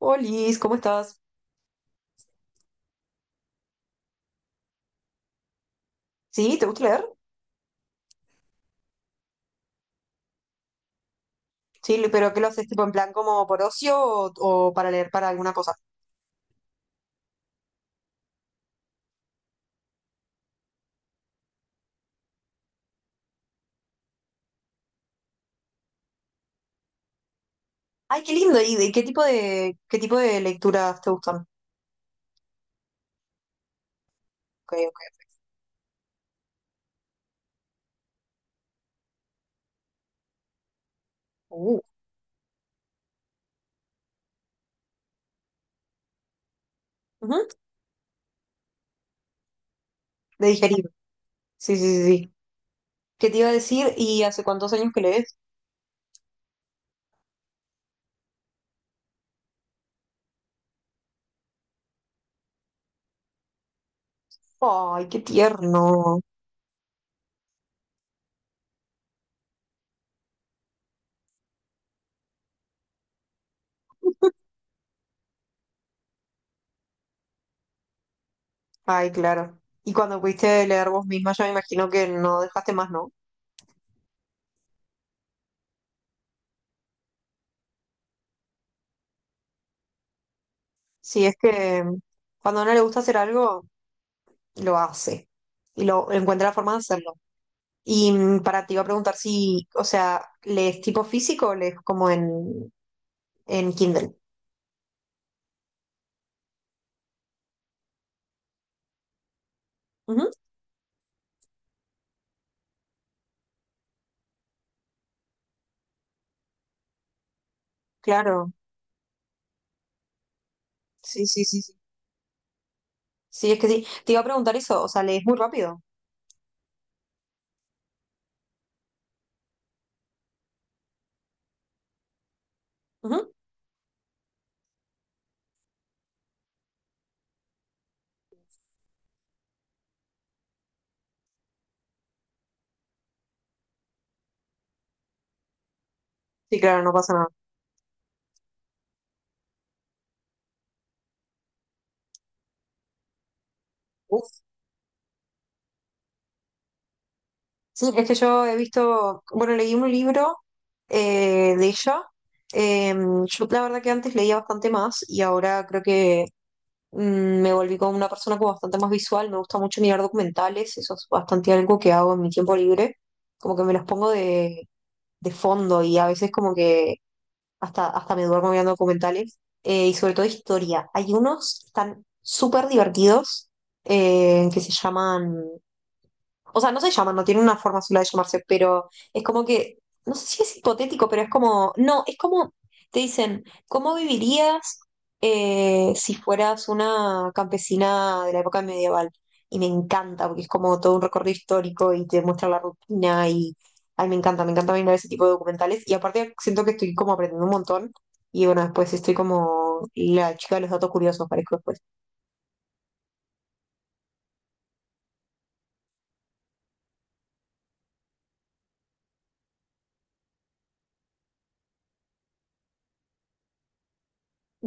Olis, ¿cómo estás? ¿Sí? ¿Te gusta leer? Sí, pero ¿qué lo haces tipo en plan como por ocio o para leer para alguna cosa? Ay, qué lindo. ¿Y de qué tipo de lecturas te gustan? Ok, ok. Uh, ujú. De digerir. Sí, sí, sí, sí. ¿Qué te iba a decir? ¿Y hace cuántos años que lees? Ay, qué tierno. Ay, claro. Y cuando pudiste leer vos misma, ya me imagino que no dejaste más, ¿no? Si es que cuando a uno le gusta hacer algo, lo hace y lo encuentra la forma de hacerlo. Y para ti iba a preguntar si, o sea, ¿lees tipo físico o lees como en Kindle? Ujú. Claro, sí, sí, sí, sí. Sí, es que sí. Te iba a preguntar eso, o sea, ¿lees muy rápido? Ujú. Sí, claro, no pasa nada. Uf. Sí, es que yo he visto, bueno, leí un libro de ella. Eh, yo la verdad que antes leía bastante más y ahora creo que me volví como una persona como bastante más visual. Me gusta mucho mirar documentales, eso es bastante algo que hago en mi tiempo libre como que me los pongo de fondo y a veces como que hasta me duermo mirando documentales, y sobre todo historia. Hay unos que están súper divertidos, que se llaman, o sea, no se llaman, no tienen una forma sola de llamarse, pero es como que, no sé si es hipotético, pero es como, no, es como, te dicen, ¿cómo vivirías, si fueras una campesina de la época medieval? Y me encanta, porque es como todo un recorrido histórico y te muestra la rutina y, ay, me encanta mirar ese tipo de documentales. Y aparte siento que estoy como aprendiendo un montón y bueno, después estoy como la chica de los datos curiosos, parezco después.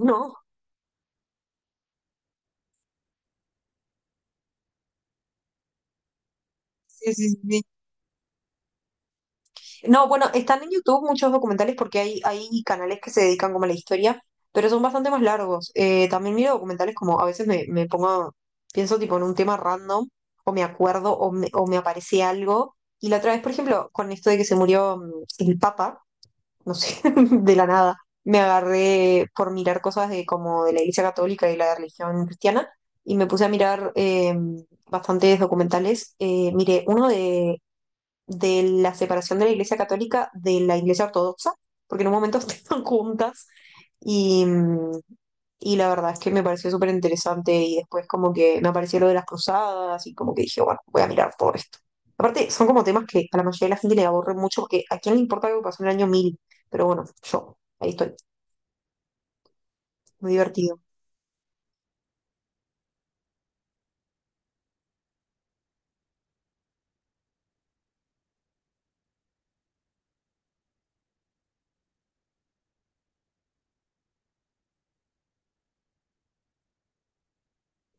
No, sí, sí, sí. No, bueno, están en YouTube muchos documentales porque hay canales que se dedican como a la historia, pero son bastante más largos. También miro documentales como a veces me pongo, pienso tipo en un tema random, o me acuerdo, o me aparece algo. Y la otra vez, por ejemplo, con esto de que se murió el Papa, no sé, de la nada, me agarré por mirar cosas de como de la Iglesia Católica y la religión cristiana, y me puse a mirar bastantes documentales. Miré uno de la separación de la Iglesia Católica de la Iglesia Ortodoxa, porque en un momento estaban juntas y, y la verdad es que me pareció súper interesante y después como que me apareció lo de las cruzadas y como que dije, bueno, voy a mirar todo esto. Aparte, son como temas que a la mayoría de la gente le aborren mucho porque a quién le importa algo que pasó en el año 1000, pero bueno, yo, ahí estoy, muy divertido.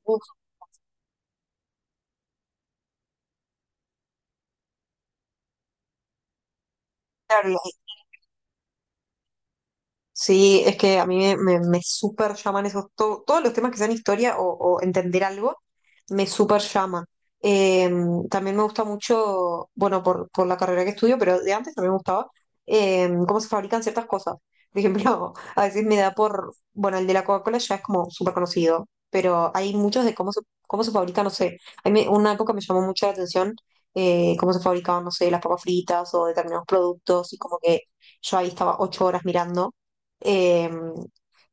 Uf, claro. Sí, es que a mí me súper llaman esos, todos los temas que sean historia o entender algo, me súper llama. Eh, también me gusta mucho, bueno, por la carrera que estudio, pero de antes también me gustaba, cómo se fabrican ciertas cosas. Por ejemplo, a veces me da por, bueno, el de la Coca-Cola ya es como súper conocido, pero hay muchos de cómo se fabrica, no sé. A mí una época me llamó mucho la atención, cómo se fabricaban, no sé, las papas fritas o determinados productos y como que yo ahí estaba 8 horas mirando, eh,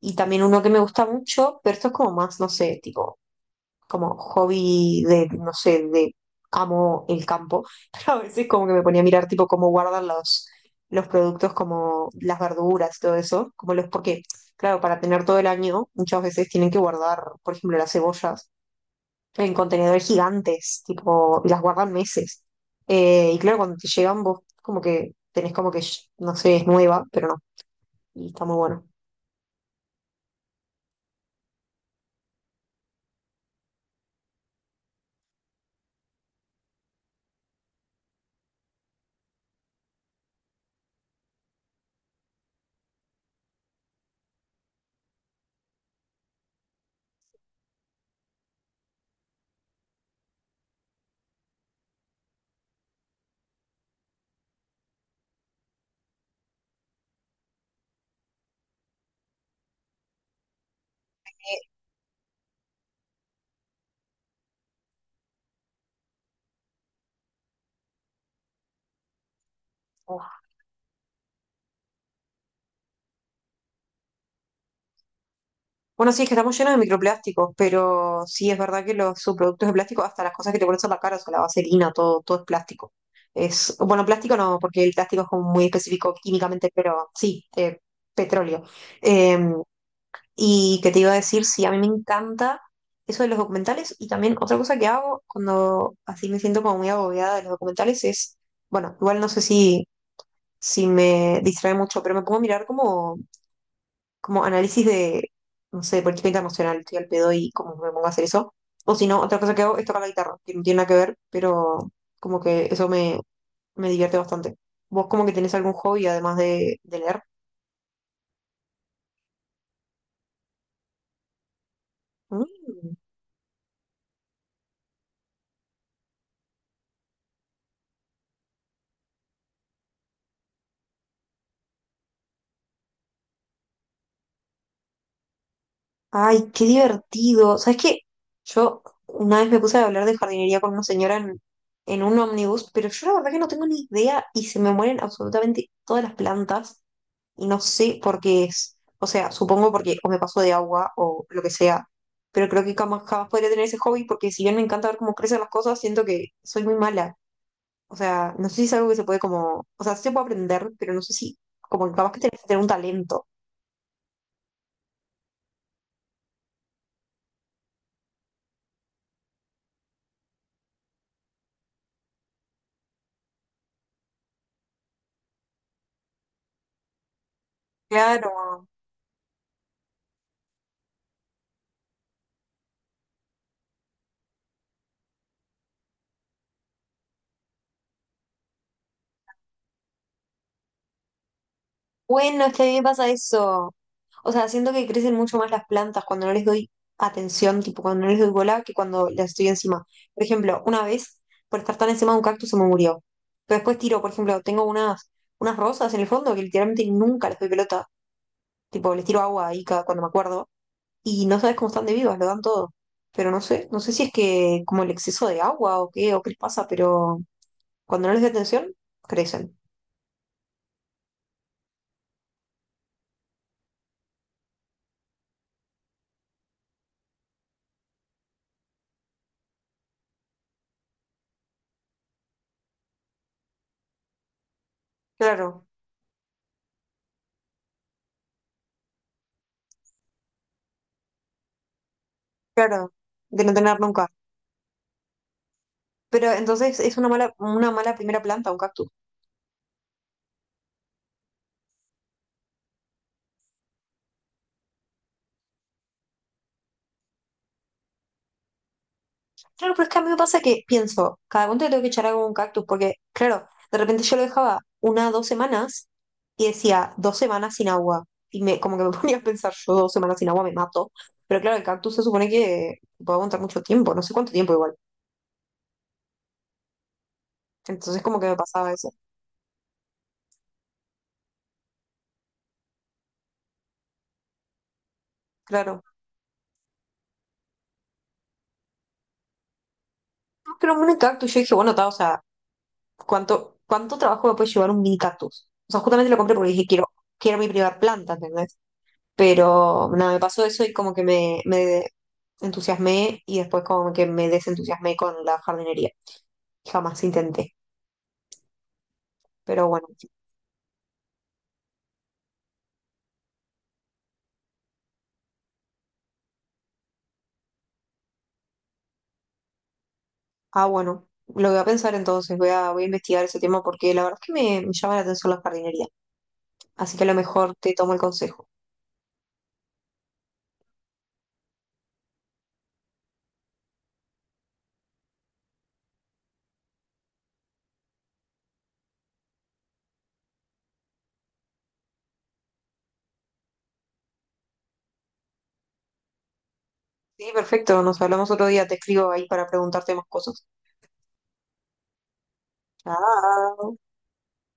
y también uno que me gusta mucho, pero esto es como más, no sé, tipo, como hobby de, no sé, de amo el campo, pero a veces como que me ponía a mirar tipo cómo guardan los, productos, como las verduras, todo eso, como los, porque, claro, para tener todo el año, muchas veces tienen que guardar, por ejemplo, las cebollas en contenedores gigantes, tipo, y las guardan meses. Y claro, cuando te llegan vos como que tenés como que, no sé, es nueva, pero no, y está muy bueno. Eh, Bueno, sí, es que estamos llenos de microplásticos, pero sí es verdad que los subproductos de plástico, hasta las cosas que te pones en la cara, o sea, la vaselina, todo, todo es plástico. Es, bueno, plástico no, porque el plástico es como muy específico químicamente, pero sí, petróleo. Eh, y que te iba a decir, sí, a mí me encanta eso de los documentales y también otra cosa que hago cuando así me siento como muy agobiada de los documentales es, bueno, igual no sé si, me distrae mucho, pero me pongo a mirar como análisis de, no sé, política emocional estoy al pedo y como me pongo a hacer eso. O si no, otra cosa que hago es tocar la guitarra, que no tiene nada que ver, pero como que eso me divierte bastante. ¿Vos como que tenés algún hobby además de leer? Mm. Ay, qué divertido. ¿Sabes qué? Yo una vez me puse a hablar de jardinería con una señora en un ómnibus, pero yo la verdad que no tengo ni idea y se me mueren absolutamente todas las plantas. No sé por qué es. O sea, supongo porque o me paso de agua o lo que sea. Pero creo que jamás, jamás podría tener ese hobby porque si bien me encanta ver cómo crecen las cosas, siento que soy muy mala. O sea, no sé si es algo que se puede como, o sea, sí se puede aprender, pero no sé si, como que capaz que tenés que tener un talento. Claro. Bueno, es que a mí me pasa eso. O sea, siento que crecen mucho más las plantas cuando no les doy atención, tipo cuando no les doy bola, que cuando las estoy encima. Por ejemplo, una vez, por estar tan encima de un cactus, se me murió. Pero después tiro, por ejemplo, tengo unas rosas en el fondo que literalmente nunca les doy pelota. Tipo, les tiro agua ahí cada, cuando me acuerdo. Y no sabes cómo están de vivas, lo dan todo. Pero no sé, no sé si es que como el exceso de agua o qué les pasa, pero cuando no les doy atención, crecen. Claro, claro, de no tener nunca. Pero entonces es una mala primera planta, un cactus. Claro, pero es que a mí me pasa que pienso, cada cuánto le tengo que echar algo a un cactus, porque, claro, de repente yo lo dejaba 1, 2 semanas y decía, 2 semanas sin agua. Y me, como que me ponía a pensar, yo 2 semanas sin agua me mato. Pero claro, el cactus se supone que puede aguantar mucho tiempo, no sé cuánto tiempo igual. Entonces como que me pasaba eso. Claro. No, pero un mini cactus, yo dije, bueno, ta, o sea, ¿cuánto trabajo me puede llevar un mini cactus? O sea, justamente lo compré porque dije, quiero mi primera planta, ¿entendés? Pero nada, me pasó eso y como que me entusiasmé y después como que me desentusiasmé con la jardinería. Jamás intenté. Pero bueno. Ah, bueno. Lo voy a pensar entonces, voy a investigar ese tema porque la verdad es que me llama la atención la jardinería. Así que a lo mejor te tomo el consejo. Sí, perfecto. Nos hablamos otro día. Te escribo ahí para preguntarte más cosas. Chao.